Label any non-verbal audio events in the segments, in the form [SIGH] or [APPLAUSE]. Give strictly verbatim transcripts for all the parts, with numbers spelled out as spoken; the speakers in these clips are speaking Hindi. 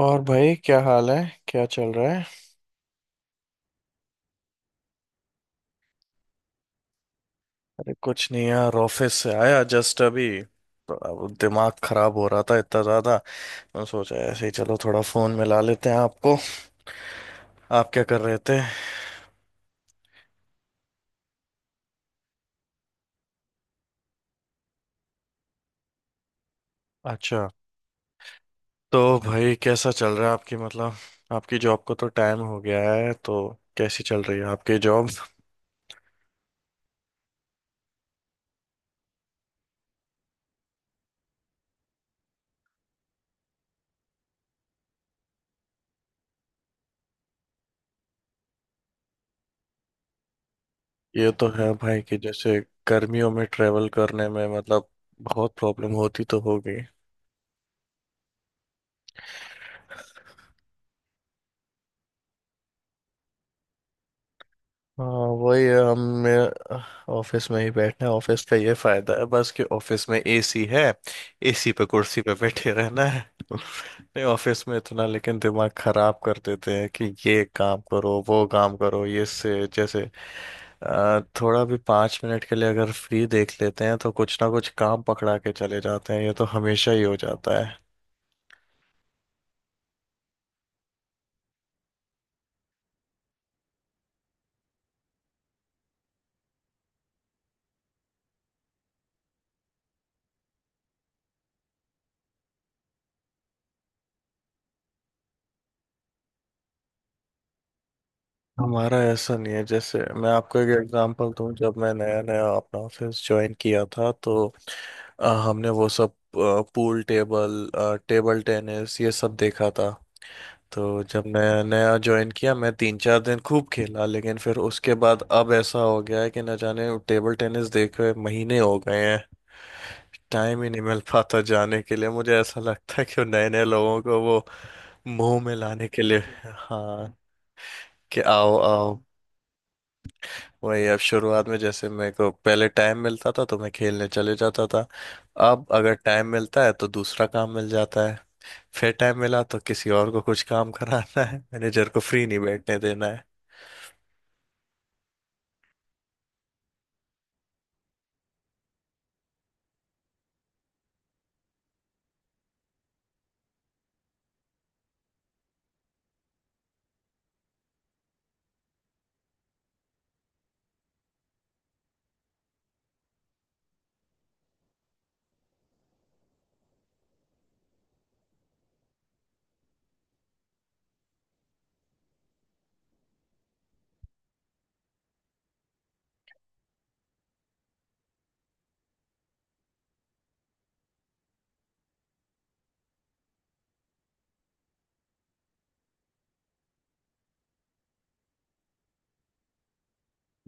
और भाई क्या हाल है? क्या चल रहा है? अरे कुछ नहीं यार, ऑफिस से आया जस्ट अभी। तो अब दिमाग खराब हो रहा था इतना ज्यादा। मैं सोचा ऐसे ही चलो थोड़ा फोन मिला लेते हैं आपको। आप क्या कर रहे थे? अच्छा। तो भाई कैसा चल रहा है आपकी, मतलब आपकी जॉब को तो टाइम हो गया है, तो कैसी चल रही है आपकी जॉब? ये तो है भाई, कि जैसे गर्मियों में ट्रेवल करने में मतलब बहुत प्रॉब्लम होती तो होगी। हाँ, वही है, हम मेरे ऑफिस में ही बैठे हैं। ऑफिस का ये फायदा है बस कि ऑफिस में एसी है। एसी पे कुर्सी पे बैठे रहना है। नहीं, ऑफिस में इतना लेकिन दिमाग खराब कर देते हैं कि ये काम करो वो काम करो, ये से जैसे अ, थोड़ा भी पाँच मिनट के लिए अगर फ्री देख लेते हैं तो कुछ ना कुछ काम पकड़ा के चले जाते हैं, ये तो हमेशा ही हो जाता है। हमारा ऐसा नहीं है। जैसे मैं आपको एक एग्जांपल दूं, जब मैं नया नया अपना ऑफिस ज्वाइन किया था तो अ, हमने वो सब पूल टेबल, टेबल टेनिस ये सब देखा था। तो जब मैं नया ज्वाइन किया, मैं तीन चार दिन खूब खेला, लेकिन फिर उसके बाद अब ऐसा हो गया है कि न जाने टेबल टेनिस देखे महीने हो गए हैं। टाइम ही नहीं मिल पाता जाने के लिए। मुझे ऐसा लगता है कि नए नए लोगों को वो मुंह में लाने के लिए, हाँ, कि आओ आओ। वही, अब शुरुआत में जैसे मेरे को पहले टाइम मिलता था तो मैं खेलने चले जाता था। अब अगर टाइम मिलता है तो दूसरा काम मिल जाता है। फिर टाइम मिला तो किसी और को कुछ काम कराना है, मैनेजर को फ्री नहीं बैठने देना है।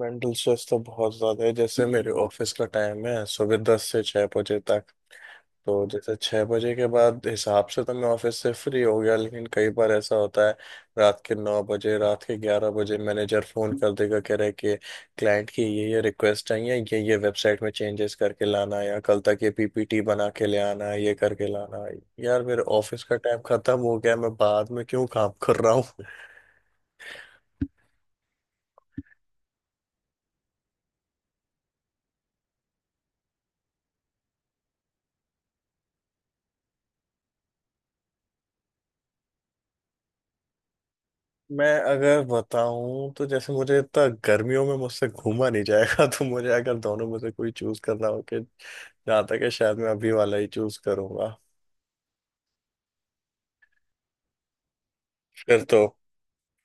मेंटल स्ट्रेस तो बहुत ज्यादा है। जैसे मेरे ऑफिस का टाइम है सुबह दस से छह बजे तक। तो जैसे छः बजे के बाद हिसाब से तो मैं ऑफिस से फ्री हो गया, लेकिन कई बार ऐसा होता है रात के नौ बजे, रात के ग्यारह बजे मैनेजर फ़ोन कर देगा, कह रहे कि क्लाइंट की ये ये रिक्वेस्ट है, या ये ये वेबसाइट में चेंजेस करके लाना है, या कल तक ये पीपीटी बना के ले आना है, ये करके लाना है। यार, मेरे ऑफिस का टाइम खत्म हो गया, मैं बाद में क्यों काम कर रहा हूँ। मैं अगर बताऊं तो जैसे मुझे इतना गर्मियों में मुझसे घूमा नहीं जाएगा, तो मुझे अगर दोनों में से कोई चूज करना हो कि, जहाँ तक है शायद मैं अभी वाला ही चूज करूंगा। फिर तो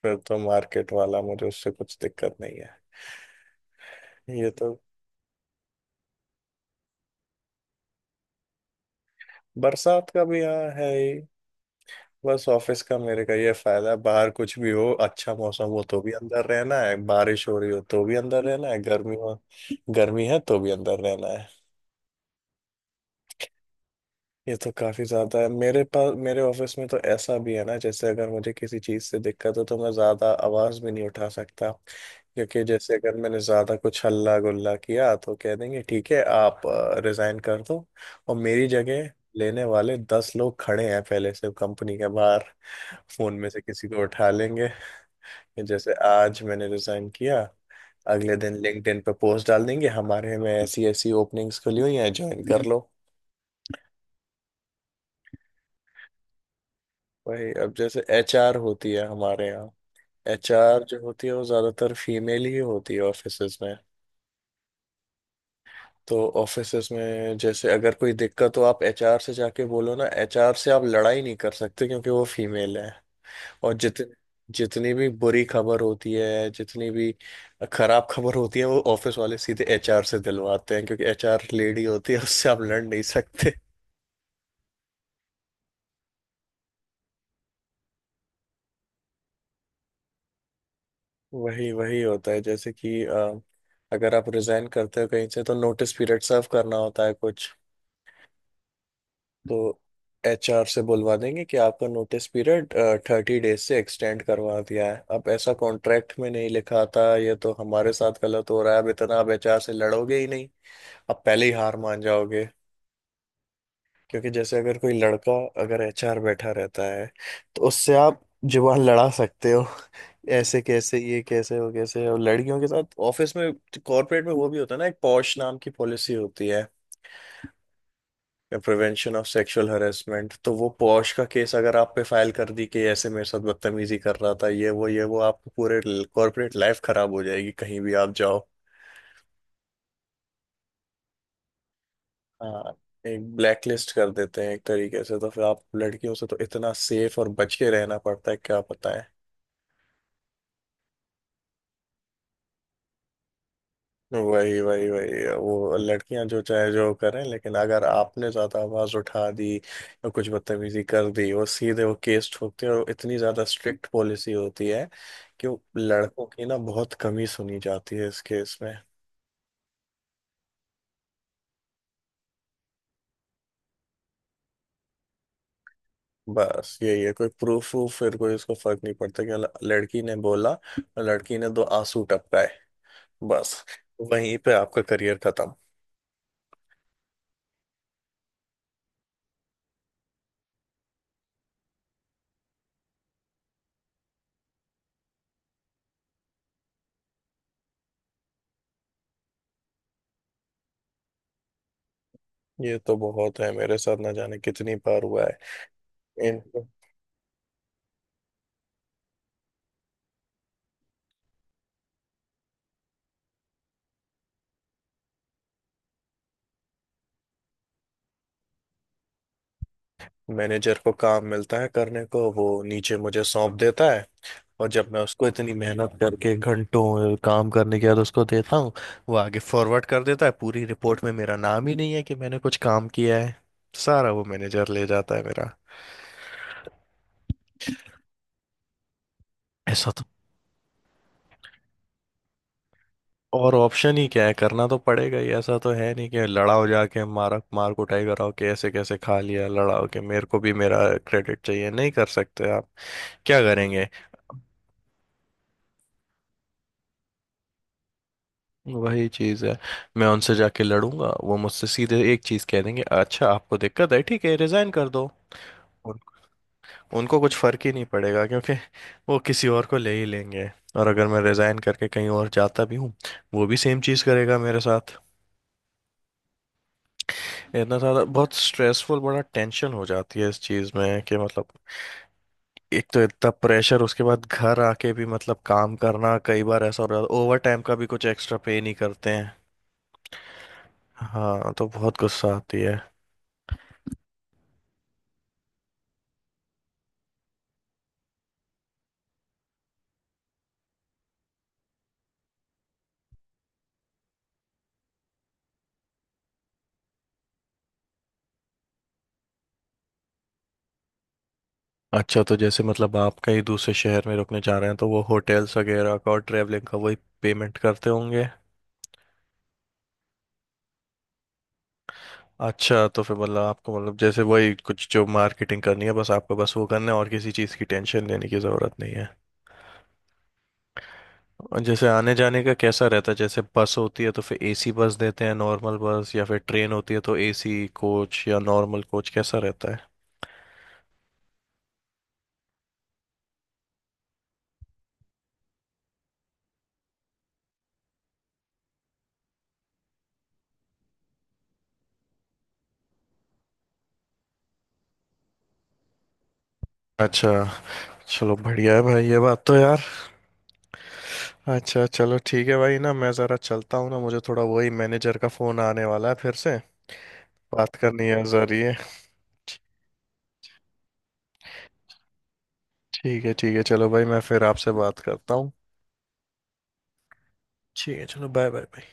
फिर तो मार्केट वाला, मुझे उससे कुछ दिक्कत नहीं है। ये तो, बरसात का भी यहाँ है ही। बस ऑफिस का मेरे का ये फायदा है, बाहर कुछ भी हो, अच्छा मौसम हो तो भी अंदर रहना है, बारिश हो रही हो तो भी अंदर रहना है, गर्मी हो, गर्मी है तो भी अंदर रहना है। ये तो काफी ज्यादा है मेरे पास। मेरे ऑफिस में तो ऐसा भी है ना, जैसे अगर मुझे किसी चीज से दिक्कत हो तो मैं ज्यादा आवाज भी नहीं उठा सकता, क्योंकि जैसे अगर मैंने ज्यादा कुछ हल्ला गुल्ला किया तो कह देंगे ठीक है आप रिजाइन कर दो। और मेरी जगह लेने वाले दस लोग खड़े हैं पहले से कंपनी के बाहर, फोन में से किसी को उठा लेंगे। जैसे आज मैंने रिजाइन किया, अगले दिन लिंक्डइन पे पोस्ट डाल देंगे हमारे में ऐसी ऐसी ओपनिंग्स खुली हुई हैं ज्वाइन कर लो। भाई, अब जैसे एचआर होती है हमारे यहाँ, एचआर जो होती है वो ज्यादातर फीमेल ही होती है ऑफिसेज में। तो ऑफिसेज में जैसे अगर कोई दिक्कत हो, आप एचआर से जाके बोलो ना, एचआर से आप लड़ाई नहीं कर सकते क्योंकि वो फीमेल है। और जितने जितनी भी बुरी खबर होती है, जितनी भी खराब खबर होती है, वो ऑफिस वाले सीधे एचआर से दिलवाते हैं, क्योंकि एचआर लेडी होती है, उससे आप लड़ नहीं सकते। वही वही होता है। जैसे कि अ, अगर आप रिजाइन करते हो कहीं से तो नोटिस पीरियड सर्व करना होता है कुछ, तो एचआर से बुलवा देंगे कि आपका नोटिस पीरियड थर्टी डेज से एक्सटेंड करवा दिया है। अब ऐसा कॉन्ट्रैक्ट में नहीं लिखा था, ये तो हमारे साथ गलत हो रहा है। अब इतना आप एचआर से लड़ोगे ही नहीं, अब पहले ही हार मान जाओगे। क्योंकि जैसे अगर कोई लड़का, अगर एचआर बैठा रहता है तो उससे आप जुबान लड़ा सकते हो। [LAUGHS] ऐसे कैसे, ये कैसे हो कैसे, और लड़कियों के साथ ऑफिस में कॉर्पोरेट में वो भी होता है ना, एक पॉश नाम की पॉलिसी होती है, प्रिवेंशन ऑफ सेक्सुअल हरेसमेंट। तो वो पॉश का केस अगर आप पे फाइल कर दी कि ऐसे मेरे साथ बदतमीजी कर रहा था ये वो ये वो, आपको पूरे कॉर्पोरेट लाइफ खराब हो जाएगी, कहीं भी आप जाओ। हाँ, एक ब्लैकलिस्ट कर देते हैं एक तरीके से। तो फिर आप लड़कियों से तो इतना सेफ और बच के रहना पड़ता है, क्या पता। वही वही वही, वो लड़कियां जो चाहे जो करें, लेकिन अगर आपने ज्यादा आवाज उठा दी या कुछ बदतमीजी कर दी, वो सीधे वो केस ठोकते हैं, और इतनी ज्यादा स्ट्रिक्ट पॉलिसी होती है कि वो लड़कों की ना बहुत कमी सुनी जाती है इस केस में। बस यही है, कोई प्रूफ वूफ फिर कोई, उसको फर्क नहीं पड़ता कि ल- लड़की ने बोला और लड़की ने दो आंसू टपकाए, बस वहीं पे आपका करियर खत्म। ये तो बहुत है, मेरे साथ ना जाने कितनी बार हुआ है। इन मैनेजर को काम मिलता है करने को, वो नीचे मुझे सौंप देता है। और जब मैं उसको इतनी मेहनत करके घंटों काम करने के बाद उसको देता हूँ, वो आगे फॉरवर्ड कर देता है, पूरी रिपोर्ट में मेरा नाम ही नहीं है कि मैंने कुछ काम किया है। सारा वो मैनेजर ले जाता है मेरा। ऐसा तो और ऑप्शन ही क्या है? करना तो पड़ेगा ही। ऐसा तो है नहीं कि लड़ाओ, जाके मारा मार कुटाई कराओ कि ऐसे कैसे खा लिया, लड़ाओ के मेरे को भी मेरा क्रेडिट चाहिए। नहीं कर सकते आप। क्या करेंगे? वही चीज़ है। मैं उनसे जाके लड़ूंगा, वो मुझसे सीधे एक चीज़ कह देंगे अच्छा आपको दिक्कत है, ठीक है रिजाइन कर दो। उन, उनको कुछ फर्क ही नहीं पड़ेगा क्योंकि वो किसी और को ले ही लेंगे। और अगर मैं रिजाइन करके कहीं और जाता भी हूँ, वो भी सेम चीज़ करेगा मेरे साथ। इतना सारा बहुत स्ट्रेसफुल, बड़ा टेंशन हो जाती है इस चीज़ में कि मतलब एक तो इतना प्रेशर, उसके बाद घर आके भी मतलब काम करना, कई बार ऐसा हो रहा है। ओवर टाइम का भी कुछ एक्स्ट्रा पे नहीं करते हैं। हाँ, तो बहुत गुस्सा आती है। अच्छा, तो जैसे मतलब आप कहीं दूसरे शहर में रुकने जा रहे हैं तो वो होटल्स वगैरह का और ट्रैवलिंग का वही पेमेंट करते होंगे? अच्छा, तो फिर मतलब आपको, मतलब जैसे वही कुछ जो मार्केटिंग करनी है बस आपको, बस वो करना है और किसी चीज़ की टेंशन लेने की ज़रूरत नहीं है? और जैसे आने जाने का कैसा रहता है, जैसे बस होती है तो फिर एसी बस देते हैं नॉर्मल बस, या फिर ट्रेन होती है तो एसी कोच या नॉर्मल कोच, कैसा रहता है? अच्छा, चलो बढ़िया है भाई, ये बात तो यार। अच्छा चलो ठीक है भाई, ना मैं ज़रा चलता हूँ, ना मुझे थोड़ा वही मैनेजर का फ़ोन आने वाला है फिर से, बात करनी है ज़रिए। ठीक है, ठीक है चलो भाई, मैं फिर आपसे बात करता हूँ। ठीक है, चलो बाय बाय।